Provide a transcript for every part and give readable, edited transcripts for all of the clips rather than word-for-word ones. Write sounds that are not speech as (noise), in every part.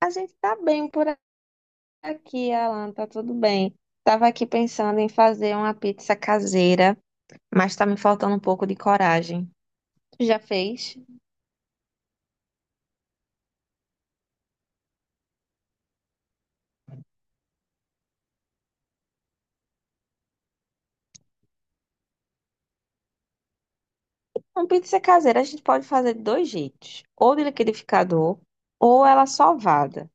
A gente tá bem por aqui, Alan, tá tudo bem. Tava aqui pensando em fazer uma pizza caseira, mas tá me faltando um pouco de coragem. Tu já fez? Uma pizza caseira a gente pode fazer de dois jeitos, ou de liquidificador, ou ela sovada.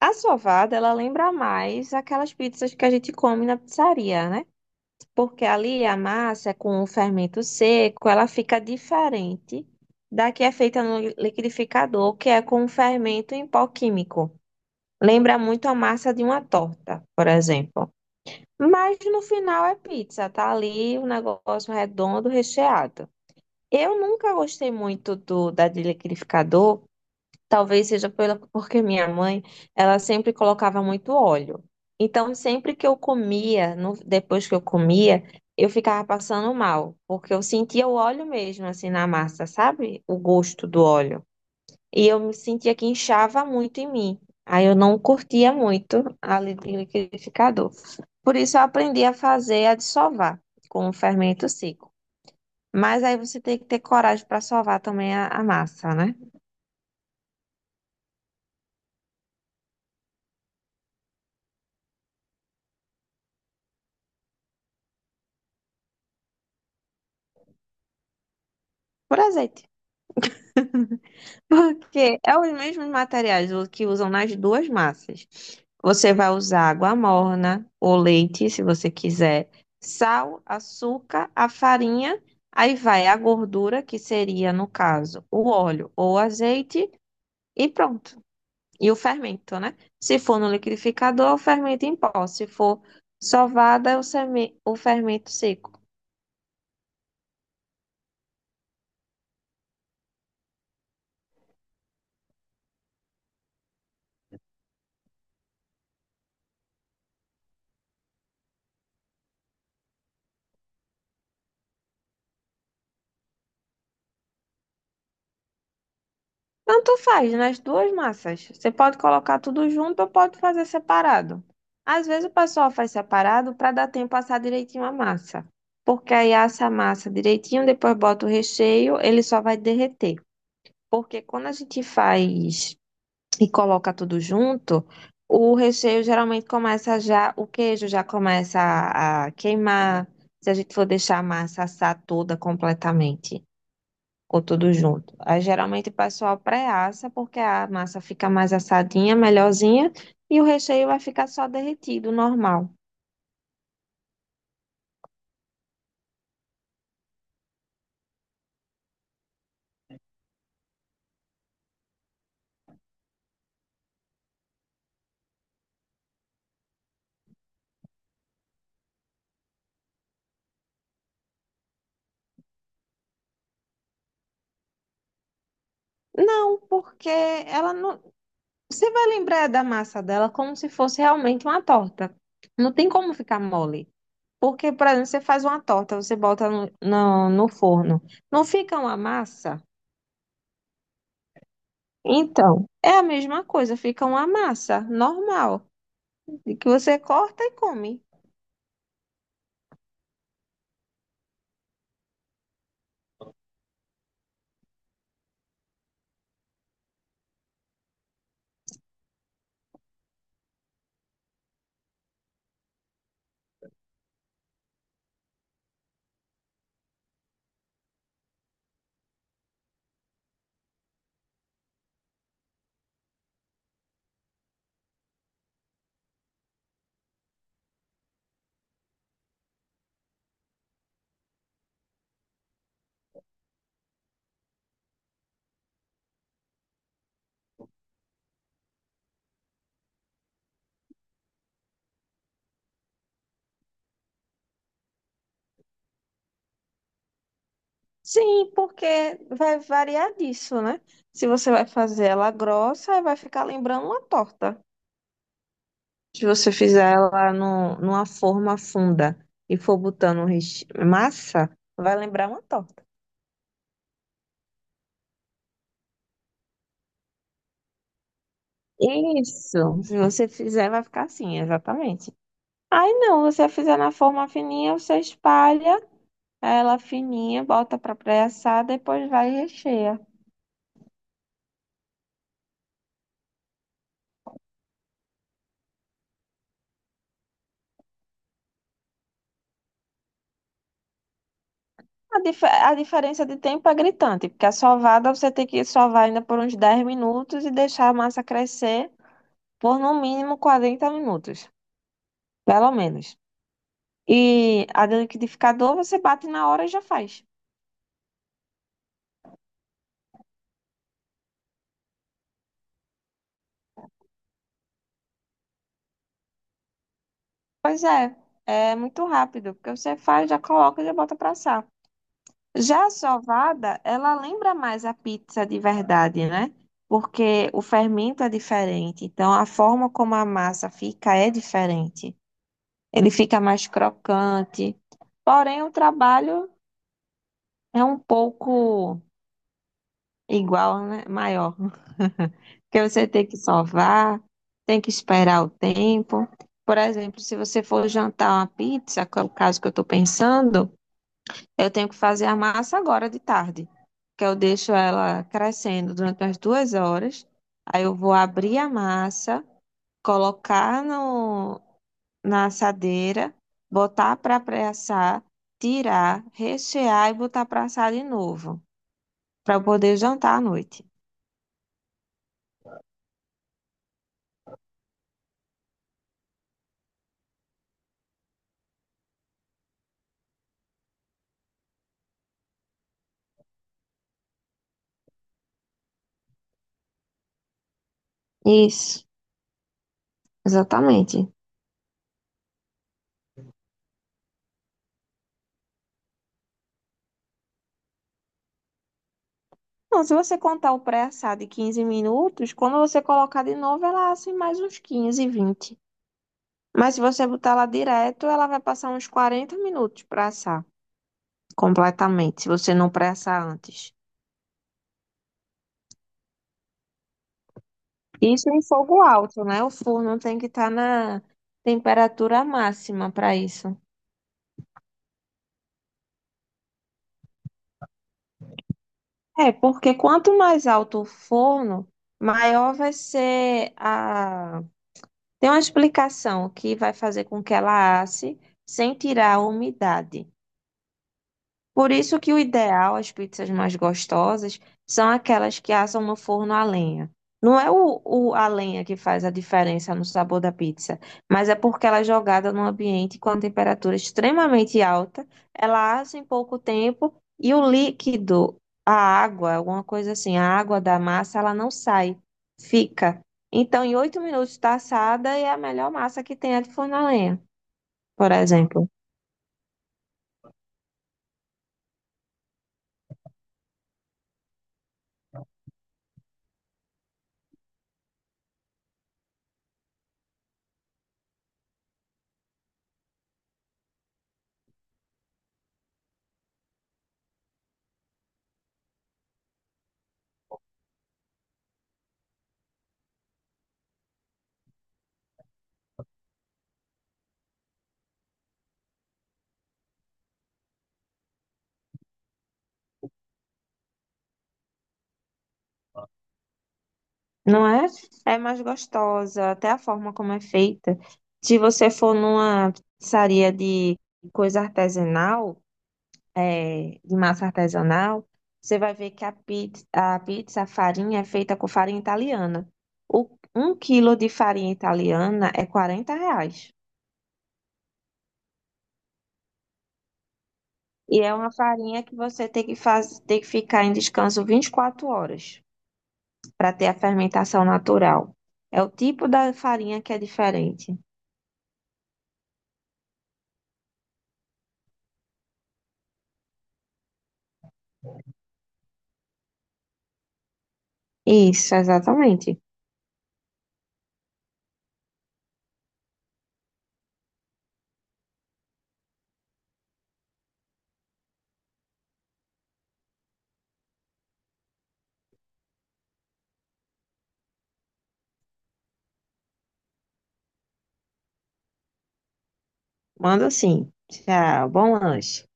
A sovada, ela lembra mais aquelas pizzas que a gente come na pizzaria, né? Porque ali a massa é com o fermento seco, ela fica diferente da que é feita no liquidificador, que é com fermento em pó químico. Lembra muito a massa de uma torta, por exemplo. Mas no final é pizza, tá ali o negócio redondo, recheado. Eu nunca gostei muito do da de liquidificador, porque minha mãe, ela sempre colocava muito óleo. Então, sempre que eu comia, depois que eu comia, eu ficava passando mal, porque eu sentia o óleo mesmo, assim, na massa, sabe? O gosto do óleo. E eu me sentia que inchava muito em mim. Aí eu não curtia muito a liquidificador. Por isso eu aprendi a fazer a de com o fermento seco. Mas aí você tem que ter coragem para sovar também a massa, né? Por azeite. (laughs) Porque é os mesmos materiais o que usam nas duas massas. Você vai usar água morna ou leite, se você quiser, sal, açúcar, a farinha, aí vai a gordura, que seria, no caso, o óleo ou o azeite, e pronto. E o fermento, né? Se for no liquidificador, o fermento em pó. Se for sovada, é o fermento seco. Tanto faz nas duas massas. Você pode colocar tudo junto ou pode fazer separado. Às vezes o pessoal faz separado para dar tempo a assar direitinho a massa. Porque aí assa a massa direitinho, depois bota o recheio, ele só vai derreter. Porque quando a gente faz e coloca tudo junto, o recheio geralmente começa já, o queijo já começa a queimar, se a gente for deixar a massa assar toda completamente, ou tudo junto. Aí geralmente o pessoal pré-assa, porque a massa fica mais assadinha, melhorzinha, e o recheio vai ficar só derretido, normal. Não, porque ela não. Você vai lembrar da massa dela como se fosse realmente uma torta. Não tem como ficar mole. Porque, por exemplo, você faz uma torta, você bota no forno, não fica uma massa? Então, é a mesma coisa, fica uma massa normal, de que você corta e come. Sim, porque vai variar disso, né? Se você vai fazer ela grossa, vai ficar lembrando uma torta. Se você fizer ela no, numa forma funda e for botando massa, vai lembrar uma torta. Isso, se você fizer, vai ficar assim, exatamente. Aí não, você fizer na forma fininha, você espalha ela fininha, bota pra pré-assar, depois vai e recheia. A diferença de tempo é gritante, porque a sovada você tem que sovar ainda por uns 10 minutos e deixar a massa crescer por no mínimo 40 minutos, pelo menos. E a do liquidificador você bate na hora e já faz. Pois é, é muito rápido, porque você faz, já coloca e já bota pra assar. Já a sovada, ela lembra mais a pizza de verdade, né? Porque o fermento é diferente, então a forma como a massa fica é diferente. Ele fica mais crocante, porém o trabalho é um pouco igual, né? Maior, (laughs) porque você tem que sovar, tem que esperar o tempo. Por exemplo, se você for jantar uma pizza, que é o caso que eu estou pensando, eu tenho que fazer a massa agora de tarde, que eu deixo ela crescendo durante umas 2 horas. Aí eu vou abrir a massa, colocar no, na assadeira, botar para pré-assar, tirar, rechear e botar para assar de novo, para eu poder jantar à noite. Isso, exatamente. Não, se você contar o pré-assar de 15 minutos, quando você colocar de novo, ela assa em mais uns 15, 20. Mas se você botar ela direto, ela vai passar uns 40 minutos para assar completamente, se você não pré-assar antes. Isso em fogo alto, né? O forno tem que estar na temperatura máxima para isso. É, porque quanto mais alto o forno, maior vai ser a. Tem uma explicação que vai fazer com que ela asse sem tirar a umidade. Por isso que o ideal, as pizzas mais gostosas, são aquelas que assam no forno a lenha. Não é a lenha que faz a diferença no sabor da pizza, mas é porque ela é jogada num ambiente com a temperatura extremamente alta, ela assa em pouco tempo e o líquido, a água, alguma coisa assim, a água da massa, ela não sai, fica. Então, em 8 minutos está assada e é a melhor massa que tem a de forno a lenha, por exemplo. Não é? É mais gostosa, até a forma como é feita. Se você for numa pizzaria de coisa artesanal, é, de massa artesanal, você vai ver que a pizza, a farinha é feita com farinha italiana. O, Um quilo de farinha italiana é R$ 40. E é uma farinha que você tem que tem que ficar em descanso 24 horas para ter a fermentação natural. É o tipo da farinha que é diferente. Isso, exatamente. Manda sim. Tchau, bom lanche.